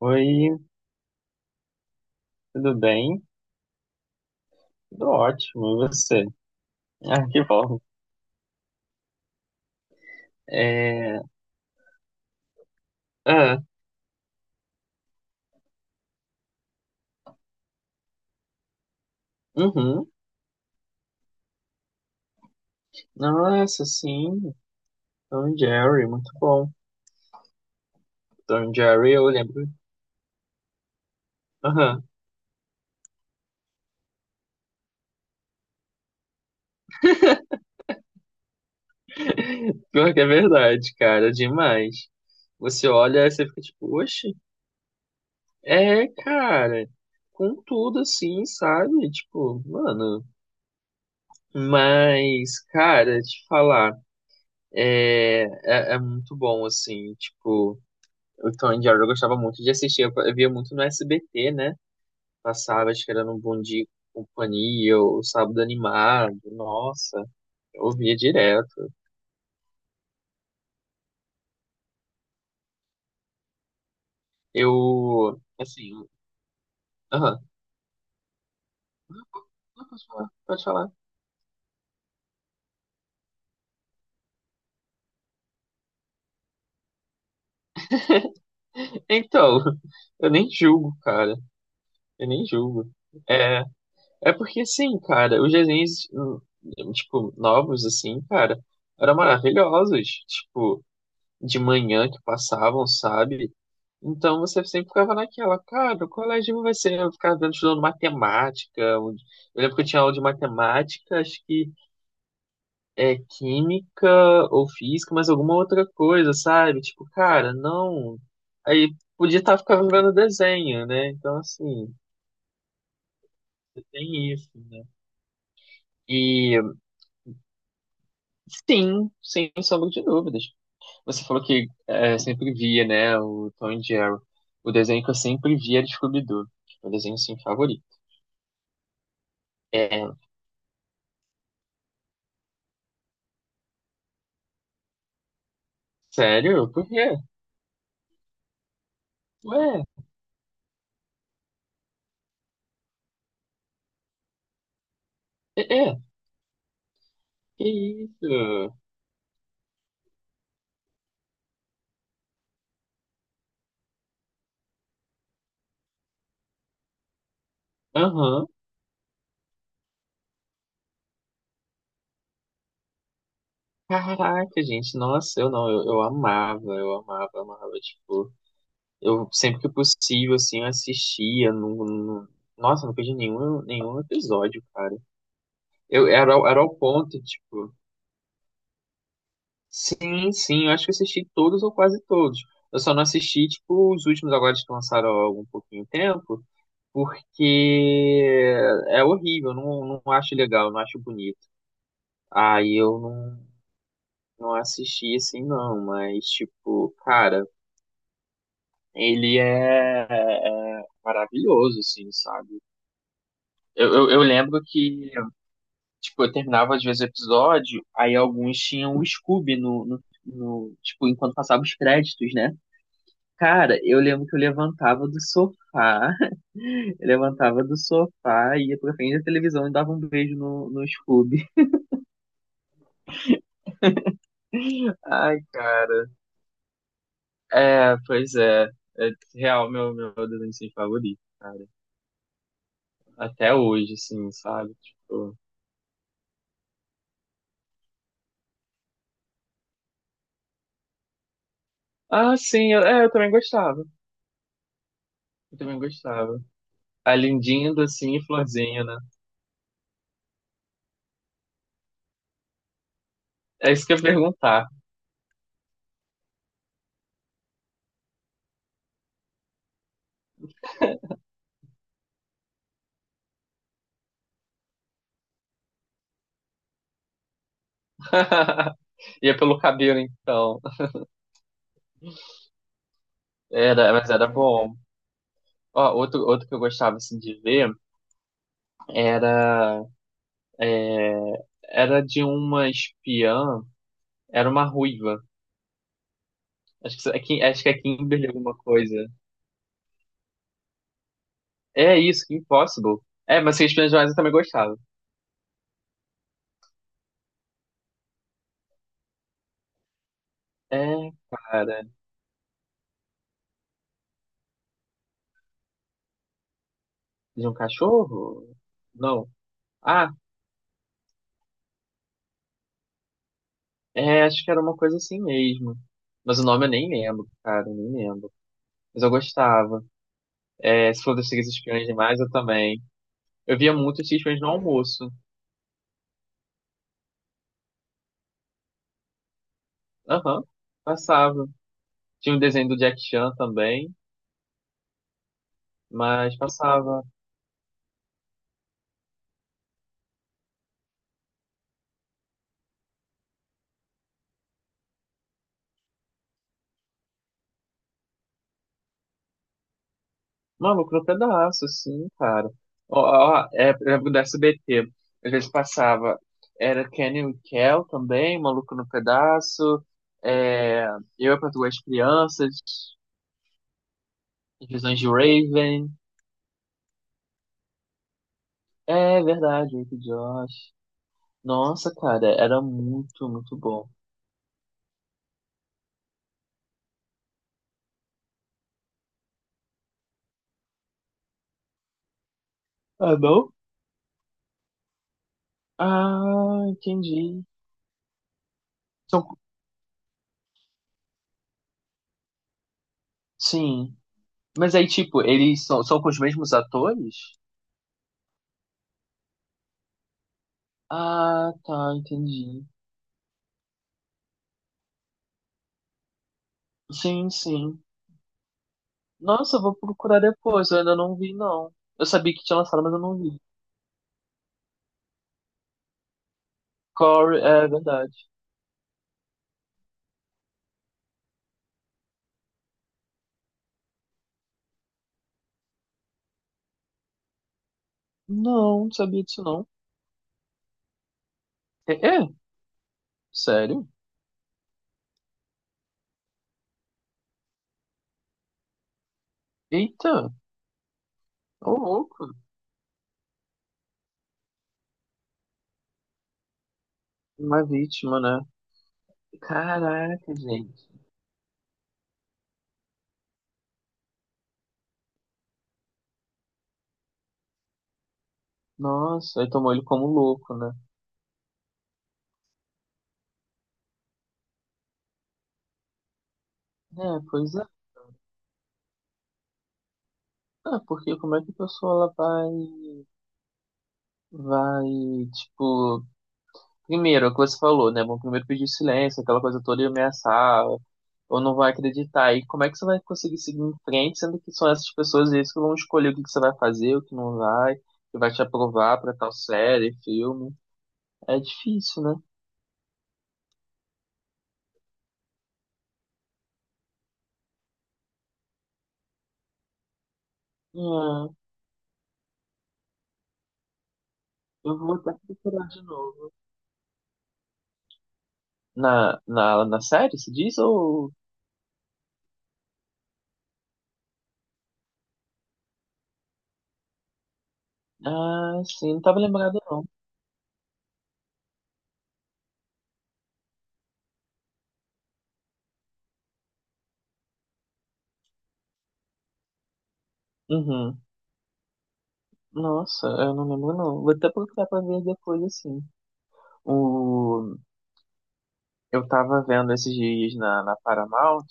Oi, tudo bem? Tudo ótimo, e você? Ah, que bom. É, é, uhum. Nossa, sim, Tom e Jerry, muito bom. Tom e Jerry, eu lembro. Aham. Pior que é verdade, cara, demais. Você olha e você fica tipo, oxe, é, cara, com tudo assim, sabe? Tipo, mano. Mas, cara, te falar, é muito bom, assim, tipo. O Tom e Jerry eu gostava muito de assistir, eu via muito no SBT, né? Passava, acho que era no Bom Dia e Companhia, o Sábado Animado, nossa, eu via direto. Eu, assim, aham. Não, pode falar, pode falar. Então, eu nem julgo, cara, eu nem julgo. É, é porque, assim, cara, os desenhos, tipo, novos, assim, cara, eram maravilhosos, tipo, de manhã que passavam, sabe? Então você sempre ficava naquela, cara, o colégio vai ser, eu ficava vendo estudando matemática. Eu lembro que eu tinha aula de matemática, acho que é química ou física, mas alguma outra coisa, sabe? Tipo, cara, não. Aí podia estar ficando vendo desenho, né? Então, assim, tem isso, né? E sim, sem sombra de dúvidas. Você falou que é, sempre via, né, o Tom e Jerry. O desenho que eu sempre via era de Scooby-Doo. Meu desenho, assim, favorito. É, sério? Por quê? Ué, é, é, que isso? Aham. Caraca, gente, nossa, eu não, eu amava, eu amava, amava, tipo, eu sempre que possível, assim, eu assistia, nossa, não perdi nenhum, nenhum episódio, cara. Era ao ponto, tipo, sim, sim, eu acho que eu assisti todos ou quase todos. Eu só não assisti, tipo, os últimos agora que lançaram há algum pouquinho de tempo, porque é horrível, eu não acho legal, não acho bonito. Aí eu não, não assisti assim, não, mas, tipo, cara, ele é maravilhoso, assim, sabe? Eu lembro que, tipo, eu terminava às vezes o episódio, aí alguns tinham o Scooby no, no, no, tipo, enquanto passava os créditos, né? Cara, eu lembro que eu levantava do sofá, eu levantava do sofá, ia pra frente da televisão e dava um beijo no Scooby. Ai, cara. É, pois é. É real meu, meu adolescente favorito, cara. Até hoje, assim, sabe? Tipo. Ah, sim, é, eu também gostava. Eu também gostava. A lindinha, docinha e florzinha, né? É isso que eu ia perguntar. Ia pelo cabelo, então. Era, mas era bom. Ó, outro, outro que eu gostava, assim, de ver era era de uma espiã, era uma ruiva. Acho que, acho que é Kimberly alguma coisa. É isso, Kim Possible. É, mas Seis Espiãs Demais eu também gostava. É, cara, de um cachorro? Não. Ah, é, acho que era uma coisa assim mesmo. Mas o nome eu nem lembro, cara, eu nem lembro. Mas eu gostava. É, se for dos Seis Espiãs Demais, eu também. Eu via muito Seis Espiãs no almoço. Aham, passava. Tinha um desenho do Jack Chan também, mas passava. Não, lucrou pedaço, sim, cara. Ó, ó, é, eu lembro do SBT. Às vezes passava. Era Kenny e Kel também, Maluco no Pedaço. É, eu é para duas crianças. Visões de Raven. É verdade, Rick e Josh. Nossa, cara, era muito, muito bom. Ah, não? Ah, entendi. São, sim. Mas aí, tipo, eles são com os mesmos atores? Ah, tá, entendi. Sim, sim. Nossa, eu vou procurar depois. Eu ainda não vi, não. Eu sabia que tinha lançado, mas eu não vi. Corey, é verdade. Não, não sabia disso, não. É? É? Sério? Eita, ô louco. Uma vítima, né? Caraca, gente. Nossa, aí tomou ele como louco, né? É, pois é. Ah, porque como é que a pessoa ela vai, vai, tipo, primeiro, é o que você falou, né? Vão primeiro pedir silêncio, aquela coisa toda e ameaçar, ou não vai acreditar. E como é que você vai conseguir seguir em frente, sendo que são essas pessoas eles que vão escolher o que que você vai fazer, o que não vai, que vai te aprovar pra tal série, filme. É difícil, né? É, eu vou até procurar de novo. Na série, se diz? Ou. Ah, sim, não tava lembrado não. Uhum. Nossa, eu não lembro não. Vou até procurar pra ver depois, assim. O. Eu tava vendo esses dias na Paramount,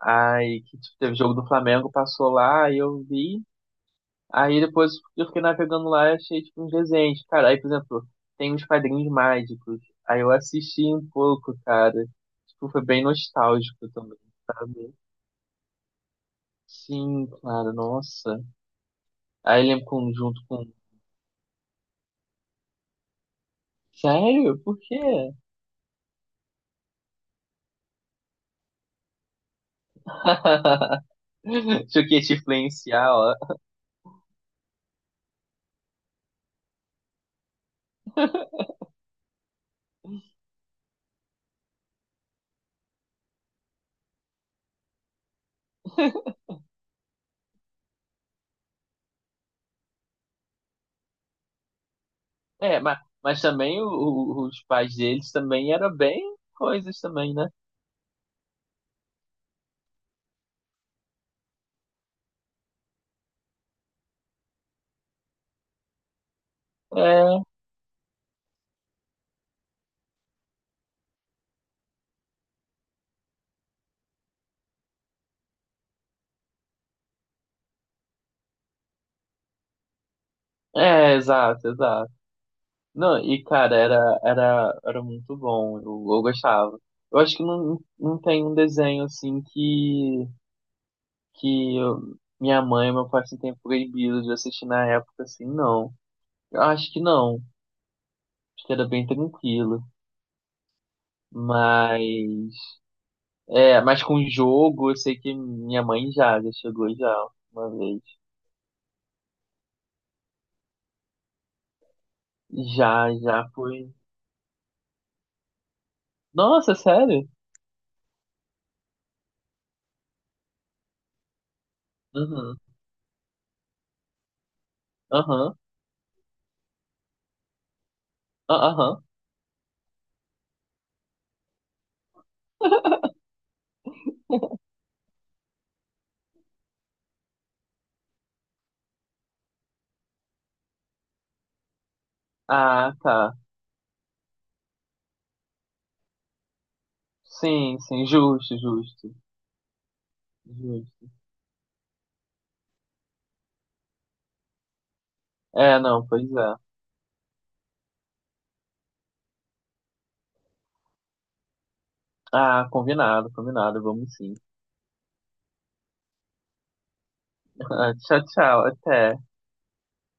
aí que tipo, teve jogo do Flamengo, passou lá, aí eu vi. Aí depois eu fiquei navegando lá e achei tipo, uns desenhos. Cara, aí, por exemplo, tem uns padrinhos mágicos. Aí eu assisti um pouco, cara. Tipo, foi bem nostálgico também, sabe? Sim, claro, nossa. Aí eu lembro com, junto com. Sério? Por quê? Achei que ia te influenciar, ó. É, mas também os pais deles também eram bem coisas também, né? É, é, exato, exato. Não, e cara, era, era, era muito bom, eu gostava. Eu acho que não, não tem um desenho assim que, minha mãe e meu pai assim, tenham proibido de assistir na época, assim, não. Eu acho que não, acho que era bem tranquilo. Mas, é, mas com jogo, eu sei que minha mãe já, já chegou já uma vez. Já, já fui. Nossa, sério? Uhum, aham, ah, aham. Ah, tá. Sim, sim, justo, justo, justo. É, não, pois é. Ah, combinado, combinado, vamos sim. Tchau, tchau, até.